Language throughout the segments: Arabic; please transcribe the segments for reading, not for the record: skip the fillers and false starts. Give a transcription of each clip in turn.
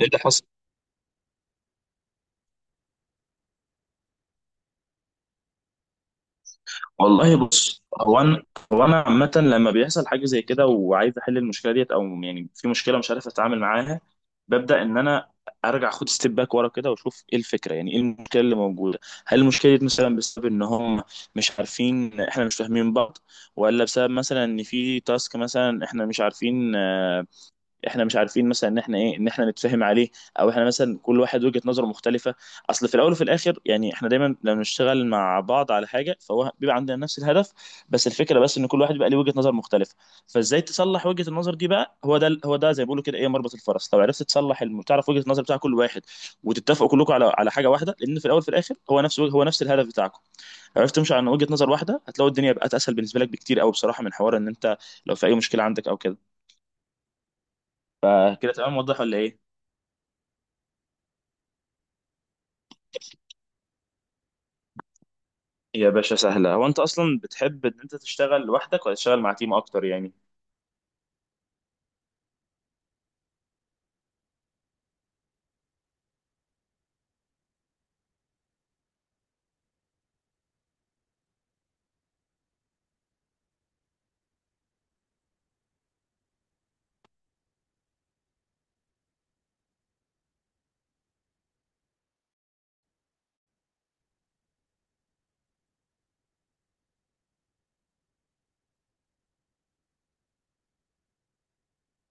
ايه اللي حصل؟ والله بص هو انا عامه لما بيحصل حاجه زي كده وعايز احل المشكله ديت، او يعني في مشكله مش عارف اتعامل معاها. ببدا ان انا ارجع اخد ستيب باك ورا كده واشوف ايه الفكره، يعني ايه المشكله اللي موجوده. هل المشكله دي مثلا بسبب ان هم مش عارفين، احنا مش فاهمين بعض؟ ولا بسبب مثلا ان في تاسك مثلا احنا مش عارفين، احنا مش عارفين مثلا ان احنا ايه ان احنا نتفاهم عليه، او احنا مثلا كل واحد وجهة نظره مختلفة. اصل في الاول وفي الاخر يعني احنا دايما لما بنشتغل مع بعض على حاجة فهو بيبقى عندنا نفس الهدف، بس الفكرة بس ان كل واحد بيبقى ليه وجهة نظر مختلفة. فازاي تصلح وجهة النظر دي بقى، هو ده هو ده زي ما بيقولوا كده ايه مربط الفرس. لو عرفت تصلح تعرف وجهة النظر بتاع كل واحد وتتفقوا كلكم على حاجة واحدة، لان في الاول وفي الاخر هو نفس الهدف بتاعكم. عرفت تمشي عن وجهة نظر واحدة هتلاقي الدنيا بقت اسهل بالنسبة لك بكتير قوي بصراحة، من حوار ان انت لو في اي مشكلة عندك او كده. فكده تمام واضح ولا ايه؟ يا باشا سهلة. هو انت اصلا بتحب ان انت تشتغل لوحدك ولا تشتغل مع تيم اكتر يعني؟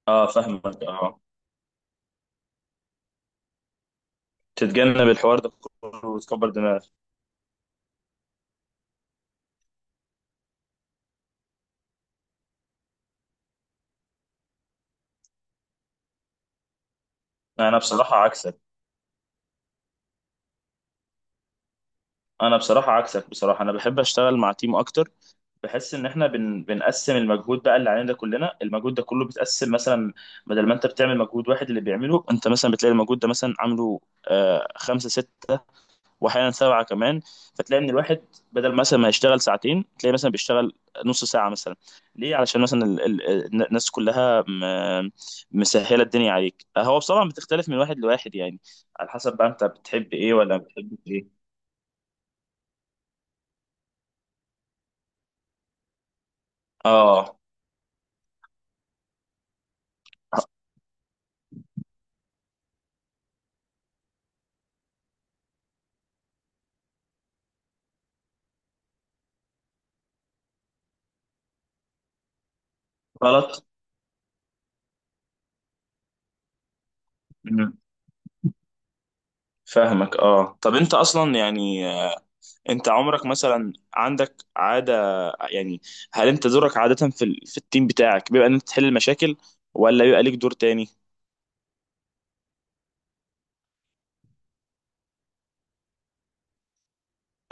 اه فاهمك اه. تتجنب الحوار ده كله وتكبر دماغك. انا بصراحة عكسك. انا بصراحة عكسك، بصراحة انا بحب اشتغل مع تيم اكتر. بحس ان احنا بنقسم المجهود بقى اللي علينا ده، كلنا المجهود ده كله بيتقسم مثلا. بدل ما انت بتعمل مجهود واحد اللي بيعمله انت، مثلا بتلاقي المجهود ده مثلا عامله خمسة ستة، واحيانا سبعه كمان. فتلاقي ان الواحد بدل مثلا ما يشتغل ساعتين تلاقي مثلا بيشتغل نص ساعه مثلا. ليه؟ علشان مثلا الناس كلها مسهله الدنيا عليك. هو بصراحه بتختلف من واحد لواحد يعني، على حسب بقى انت بتحب ايه ولا ما بتحبش ايه. اه غلط. مم. فاهمك اه. طب انت اصلا يعني انت عمرك مثلا عندك عاده يعني، هل انت دورك عاده في في التيم بتاعك بيبقى ان انت تحل المشاكل، ولا بيبقى ليك دور تاني؟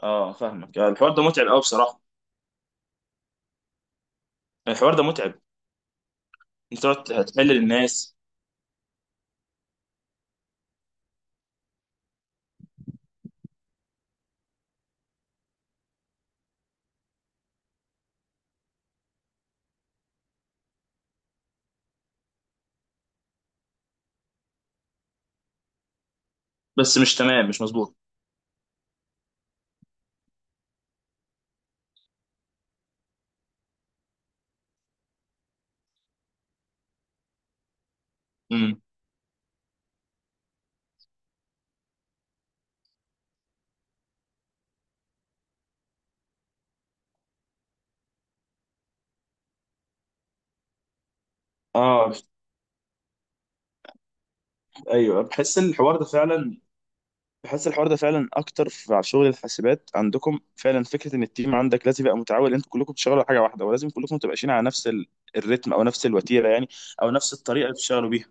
اه فاهمك. الحوار ده متعب قوي بصراحه. الحوار ده متعب، انت تقعد تحلل الناس. بس مش تمام مش مظبوط. امم اه ايوه. بحس ان الحوار ده فعلا، بحس الحوار ده فعلا اكتر في على شغل الحاسبات عندكم. فعلا فكره ان التيم عندك لازم يبقى متعاون، انتوا كلكم بتشتغلوا على حاجه واحده ولازم كلكم تبقى ماشيين على نفس الريتم او نفس الوتيره يعني، او نفس الطريقه اللي بتشتغلوا بيها.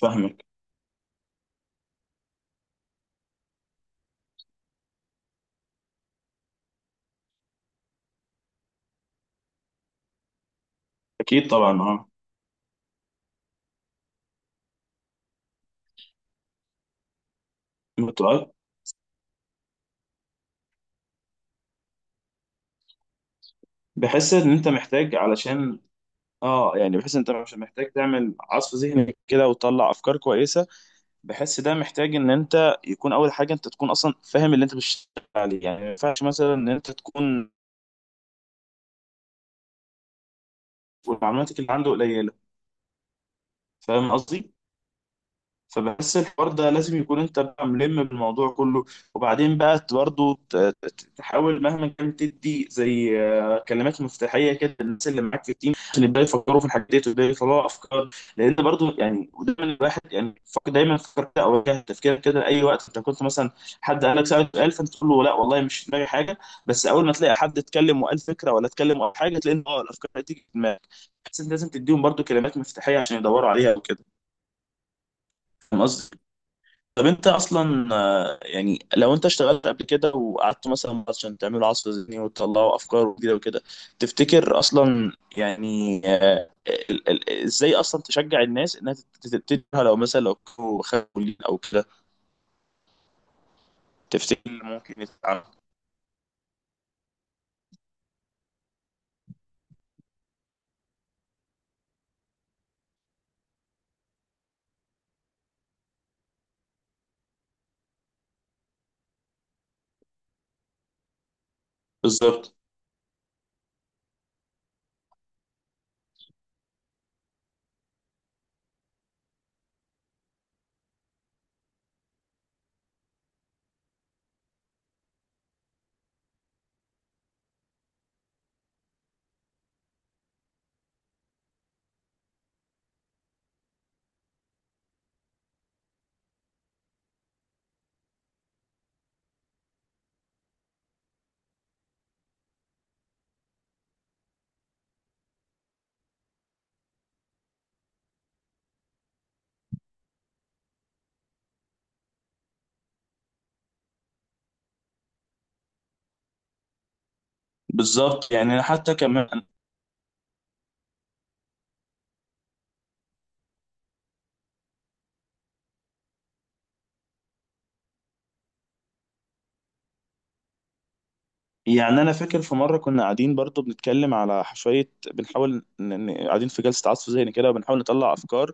فاهمك. اكيد طبعا اه. متعب. بحس ان انت محتاج علشان اه يعني بحس ان انت مش محتاج تعمل عصف ذهني كده وتطلع افكار كويسه. بحس ده محتاج ان انت يكون اول حاجه انت تكون اصلا فاهم اللي انت بتشتغل عليه، يعني ما ينفعش مثلا ان انت تكون معلوماتك اللي عنده قليله. فاهم قصدي؟ فبحس الحوار ده لازم يكون انت بقى ملم بالموضوع كله. وبعدين بقى برضه تحاول مهما كان تدي زي كلمات مفتاحيه كده للناس اللي معاك في التيم عشان يبداوا يفكروا في الحاجات ديت ويبداوا يطلعوا افكار. لان برضه يعني، ودايما الواحد يعني دايما فكر كده او واجه تفكير كده اي وقت، انت كنت مثلا حد قال لك سألك سؤال فانت تقول له لا والله مش في دماغي حاجه. بس اول ما تلاقي حد اتكلم وقال فكره ولا اتكلم او حاجه، تلاقي ان الافكار هتيجي في دماغك، بس انت لازم تديهم برضه كلمات مفتاحيه عشان يدوروا عليها وكده. فاهم قصدي؟ طب انت اصلا يعني لو انت اشتغلت قبل كده وقعدت مثلا عشان تعملوا عصف ذهني وتطلعوا افكار وكده وكده، تفتكر اصلا يعني ازاي اصلا تشجع الناس انها تبتديها لو مثلا لو كانوا خافوا ليه او كده؟ تفتكر اللي ممكن يتعمل؟ بالظبط. بالظبط يعني انا حتى كمان، يعني انا فاكر في مره كنا قاعدين برضو بنتكلم على شويه، بنحاول قاعدين في جلسه عصف ذهني كده وبنحاول نطلع افكار.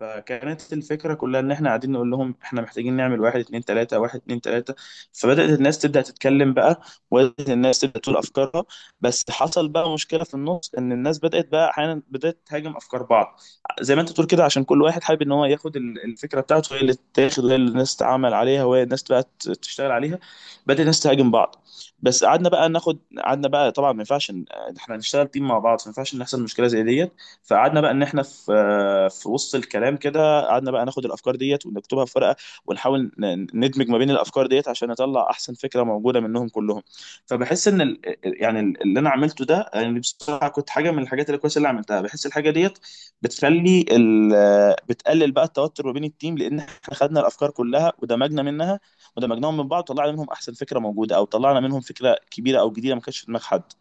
فكانت الفكرة كلها إن إحنا قاعدين نقول لهم إحنا محتاجين نعمل واحد اتنين تلاتة واحد اتنين تلاتة. فبدأت الناس تبدأ تتكلم بقى، وبدأت الناس تبدأ تقول أفكارها. بس حصل بقى مشكلة في النص إن الناس بدأت بقى أحيانا بدأت تهاجم أفكار بعض، زي ما أنت تقول كده، عشان كل واحد حابب إن هو ياخد الفكرة بتاعته هي اللي تاخد، وهي اللي الناس تعمل عليها وهي الناس بقى تشتغل عليها. بدأت الناس تهاجم بعض. بس قعدنا بقى طبعا ما ينفعش إحنا هنشتغل تيم مع بعض، ما ينفعش إن يحصل مشكلة زي ديت. فقعدنا بقى ان احنا في في وسط الكلام كده، قعدنا بقى ناخد الافكار ديت ونكتبها في ورقه ونحاول ندمج ما بين الافكار ديت عشان نطلع احسن فكره موجوده منهم كلهم. فبحس ان يعني اللي انا عملته ده يعني بصراحه كنت حاجه من الحاجات الكويسه اللي عملتها. بحس الحاجه ديت بتخلي ال... آه، بتقلل بقى التوتر ما بين التيم، لان احنا خدنا الافكار كلها ودمجنا منها، ودمجناهم من بعض وطلعنا منهم احسن فكره موجوده، او طلعنا منهم فكره كبيره او جديده ما كانتش في دماغ حد.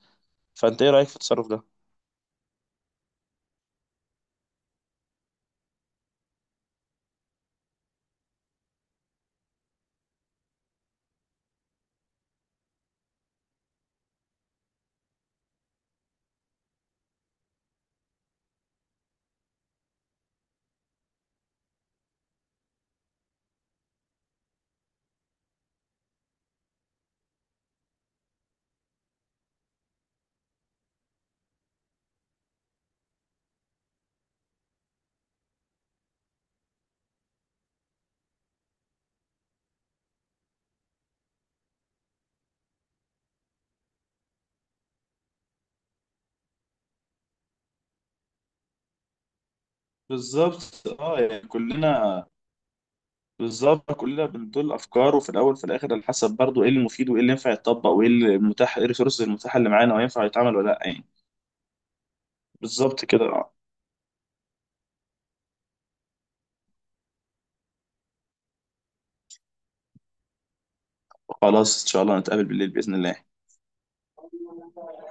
فانت ايه رايك في التصرف ده؟ بالظبط اه، يعني كلنا. بالظبط كلنا بنطل افكار، وفي الاول وفي الاخر على حسب برضه ايه المفيد وايه اللي ينفع يتطبق وايه المتاح، ايه الريسورس المتاحه اللي معانا وينفع يتعمل ولا لا يعني. بالظبط كده آه. خلاص ان شاء الله نتقابل بالليل باذن الله.